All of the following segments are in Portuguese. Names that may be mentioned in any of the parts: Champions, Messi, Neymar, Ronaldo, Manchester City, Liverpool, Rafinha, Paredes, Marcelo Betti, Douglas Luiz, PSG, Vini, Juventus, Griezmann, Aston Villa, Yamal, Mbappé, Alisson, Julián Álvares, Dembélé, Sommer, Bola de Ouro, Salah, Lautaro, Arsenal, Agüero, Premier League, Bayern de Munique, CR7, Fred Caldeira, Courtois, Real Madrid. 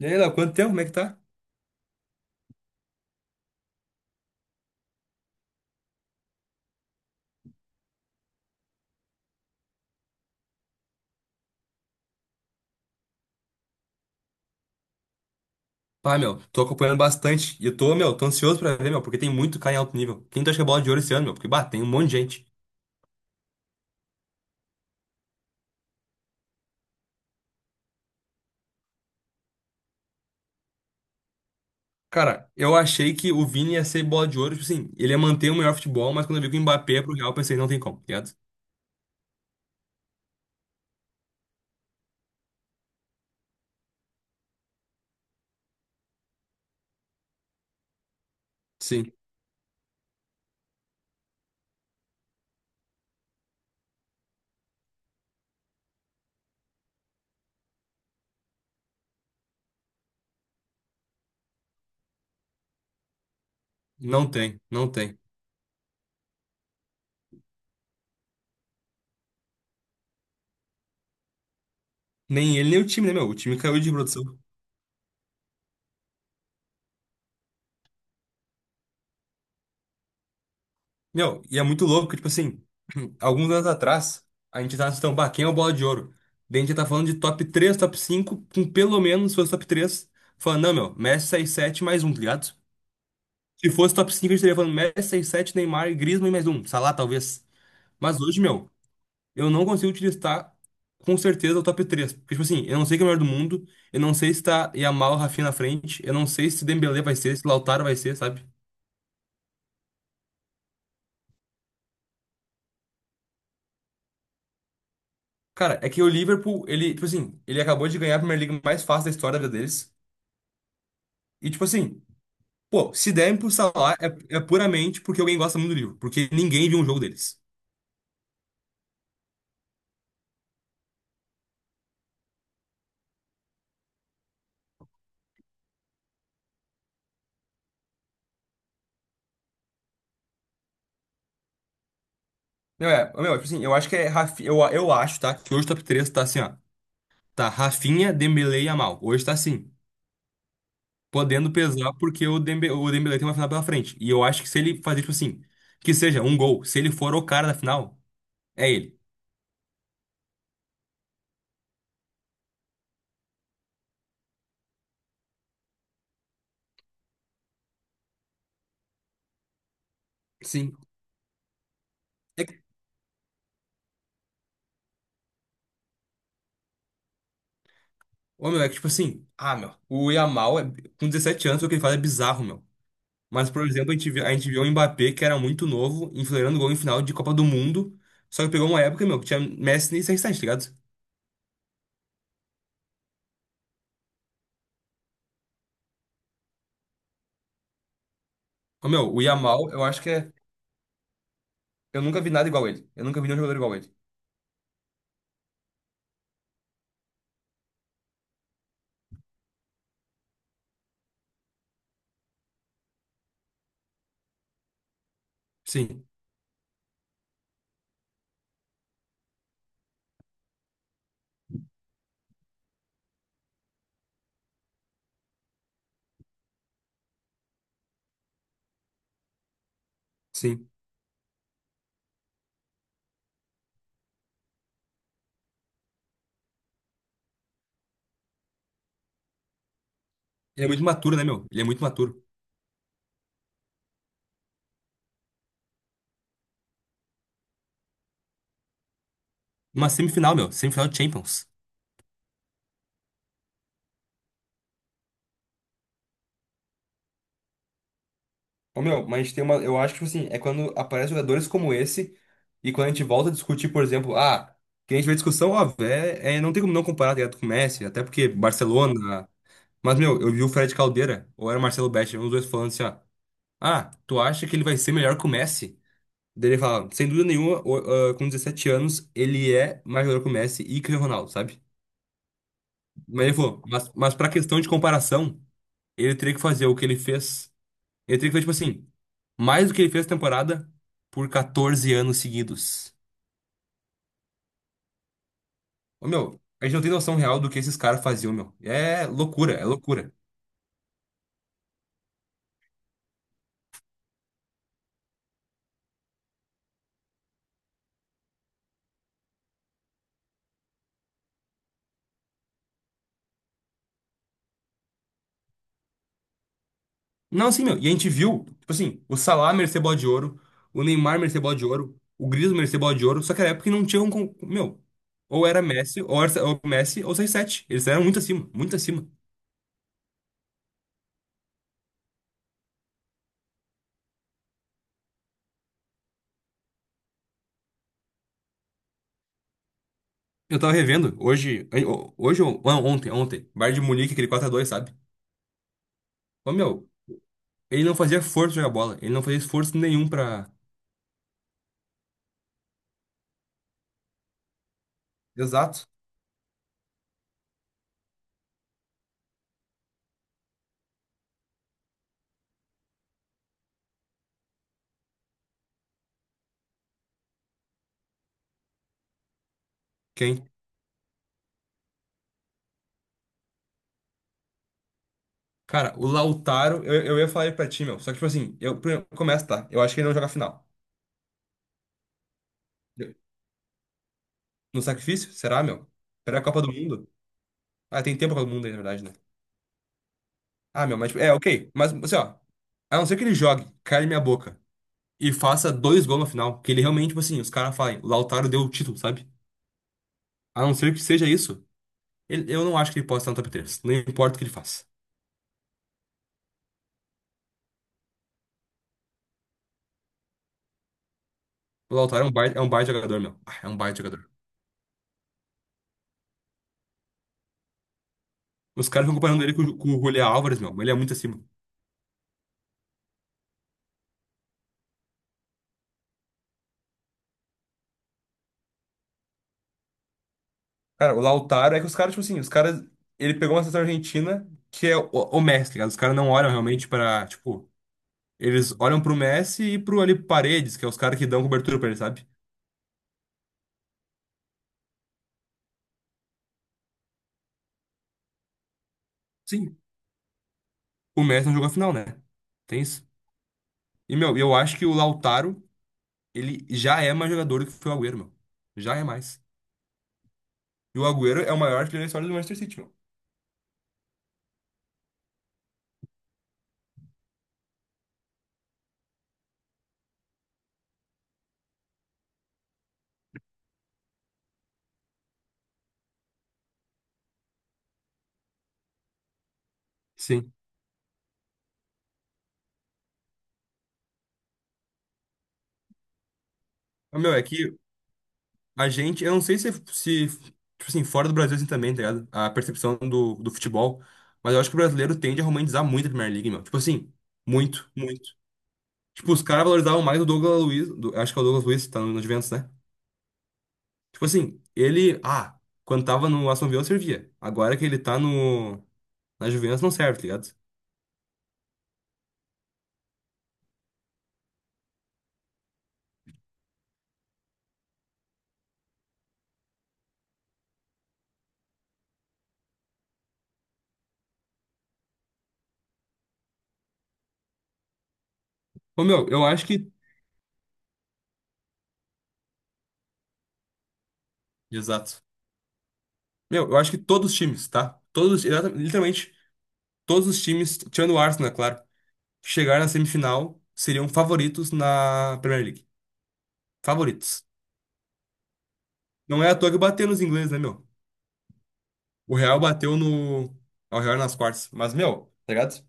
E aí, Léo, quanto tempo? Como é que tá? Pá, meu, tô acompanhando bastante. E eu tô, meu, tô ansioso pra ver, meu, porque tem muito cara em alto nível. Quem tu acha que é bola de ouro esse ano, meu? Porque, bah, tem um monte de gente. Cara, eu achei que o Vini ia ser bola de ouro, tipo assim, ele ia manter o melhor futebol, mas quando eu vi que o Mbappé ia pro Real, eu pensei, não tem como, tá ligado? Sim, não tem, não tem. Nem ele, nem o time, né, meu? O time caiu de produção. Meu, e é muito louco, tipo assim. Alguns anos atrás, a gente tava assistindo, bah, quem é o Bola de Ouro? Daí a gente tá falando de top três, top cinco. Com pelo menos, se fosse top três, falando, não, meu, Messi, seis, sete, mais um, tá ligado? Se fosse top cinco, a gente estaria falando Messi, seis, sete, Neymar e Griezmann e mais um, Salah talvez. Mas hoje, meu, eu não consigo te listar com certeza o top três. Porque, tipo assim, eu não sei quem é o melhor do mundo, eu não sei se tá Yamal, Rafinha na frente, eu não sei se Dembélé vai ser, se Lautaro vai ser, sabe? Cara, é que o Liverpool, ele, tipo assim, ele acabou de ganhar a Premier League mais fácil da história da vida deles. E, tipo assim, pô, se derem por Salah é puramente porque alguém gosta muito do livro, porque ninguém viu um jogo deles. Não é, meu, tipo assim, eu acho que é Rafinha, eu acho, tá? Que hoje o top 3 tá assim, ó. Tá Rafinha, Dembélé e Yamal. Hoje tá assim, podendo pesar porque o Dembélé tem uma final pela frente. E eu acho que se ele fazer, tipo assim, que seja um gol, se ele for o cara da final, é ele. Sim. É, que- ô, meu, é que, tipo assim, ah, meu, o Yamal, é, com 17 anos, o que ele faz é bizarro, meu. Mas, por exemplo, a gente viu o Mbappé, que era muito novo, enfileirando gol em final de Copa do Mundo. Só que pegou uma época, meu, que tinha Messi e CR7, tá ligado? Ô, meu, o Yamal, eu acho que é. Eu nunca vi nada igual a ele. Eu nunca vi nenhum jogador igual a ele. Sim, sim. Ele é muito maturo, né, meu? Ele é muito maturo. Uma semifinal, meu. Semifinal de Champions. Ô, meu, mas tem uma. Eu acho que, tipo assim, é quando aparecem jogadores como esse e quando a gente volta a discutir, por exemplo, ah, que a gente vê discussão, ó, é, não tem como não comparar, tá ligado, com o Messi, até porque Barcelona. Mas, meu, eu vi o Fred Caldeira, ou era o Marcelo Betti, os dois falando assim, ó. Ah, tu acha que ele vai ser melhor que o Messi? Daí ele fala, sem dúvida nenhuma, com 17 anos, ele é mais melhor que o Messi e que o Ronaldo, sabe? Mas ele falou, mas pra questão de comparação, ele teria que fazer o que ele fez. Ele teria que fazer, tipo assim, mais do que ele fez na temporada por 14 anos seguidos. Ô, meu, a gente não tem noção real do que esses caras faziam, meu. É loucura, é loucura. Não, assim, meu, e a gente viu, tipo assim, o Salah merecer bola de ouro, o Neymar merecer bola de ouro, o Griezmann merecer bola de ouro, só que era época que não tinha um, meu, ou era Messi, ou Messi, ou 6-7, eles eram muito acima, muito acima. Eu tava revendo, hoje, não, ontem, Bayern de Munique, aquele 4 a 2, sabe? Ô, meu, ele não fazia força jogar bola, ele não fazia esforço nenhum pra... Exato. Quem? Cara, o Lautaro, eu ia falar ele pra ti, meu, só que, tipo assim, eu, primeiro, começa, tá, eu acho que ele não joga a final. No sacrifício? Será, meu? Será a Copa do Mundo? Ah, tem tempo pra todo mundo aí, na verdade, né? Ah, meu, mas tipo, é, ok. Mas, assim, ó, a não ser que ele jogue, caia na minha boca e faça dois gols no final, que ele realmente, tipo assim, os caras falem, o Lautaro deu o título, sabe? A não ser que seja isso, eu não acho que ele possa estar no top 3, não importa o que ele faça. O Lautaro é um baita jogador, meu. Ah, é um baita jogador. Os caras ficam comparando ele com o Julián Álvares, meu, mas ele é muito acima. Cara, o Lautaro é que os caras, tipo assim, os caras. Ele pegou uma seleção argentina que é o Messi, tá ligado? Os caras não olham realmente pra, tipo. Eles olham pro Messi e pro ali Paredes, que é os caras que dão cobertura pra ele, sabe? Sim. O Messi não jogou a final, né? Tem isso. E, meu, eu acho que o Lautaro, ele já é mais jogador do que foi o Agüero, meu. Já é mais. E o Agüero é o maior artilheiro da história do Manchester City, meu. Sim. Mas, meu, é que a gente, eu não sei se, tipo assim, fora do Brasil assim também, tá ligado? A percepção do futebol. Mas eu acho que o brasileiro tende a romantizar muito a Premier League, meu. Tipo assim, muito, muito. Tipo, os caras valorizavam mais o Douglas Luiz, acho que é o Douglas Luiz, tá no Juventus, né? Tipo assim, ele. Ah, quando tava no Aston Villa servia. Agora que ele tá no. Na Juventus não serve, tá ligado? Ô, meu, eu acho que. Exato. Meu, eu acho que todos os times, tá? Todos, literalmente, todos os times, tirando o Arsenal, é claro, que chegaram na semifinal seriam favoritos na Premier League. Favoritos. Não é à toa que bateu nos ingleses, né, meu? O Real bateu no. ah, O Real nas quartas. Mas, meu, tá ligado?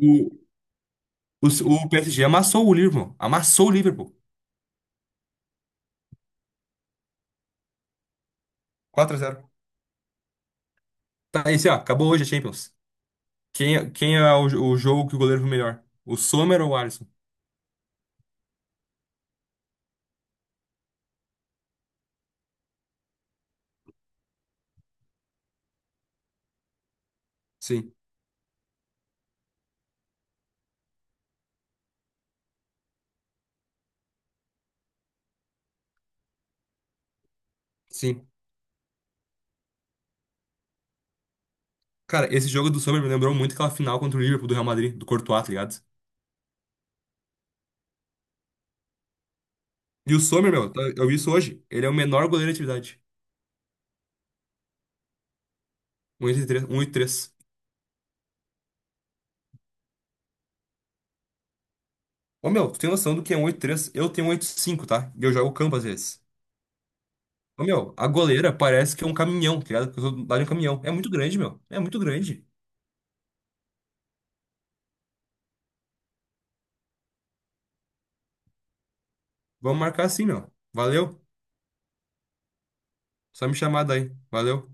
O, o, o PSG amassou o Liverpool. Amassou o Liverpool. Quatro x 0. Tá, esse, ó, acabou hoje a Champions. Quem é o jogo que o goleiro foi melhor? O Sommer ou o Alisson? Sim, sim. Cara, esse jogo do Sommer me lembrou muito aquela final contra o Liverpool do Real Madrid, do Courtois, tá ligado? E o Sommer, meu, eu vi isso hoje. Ele é o menor goleiro de atividade. Um vírgula oitenta e três. Ô, meu, tu tem noção do que é 1,83? Eu tenho 1,85, tá? E eu jogo campo às vezes. Ô, meu, a goleira parece que é um caminhão, tá ligado? Que eu sou do de um caminhão. É muito grande, meu. É muito grande. Vamos marcar assim, meu. Valeu. Só me chamar daí. Valeu.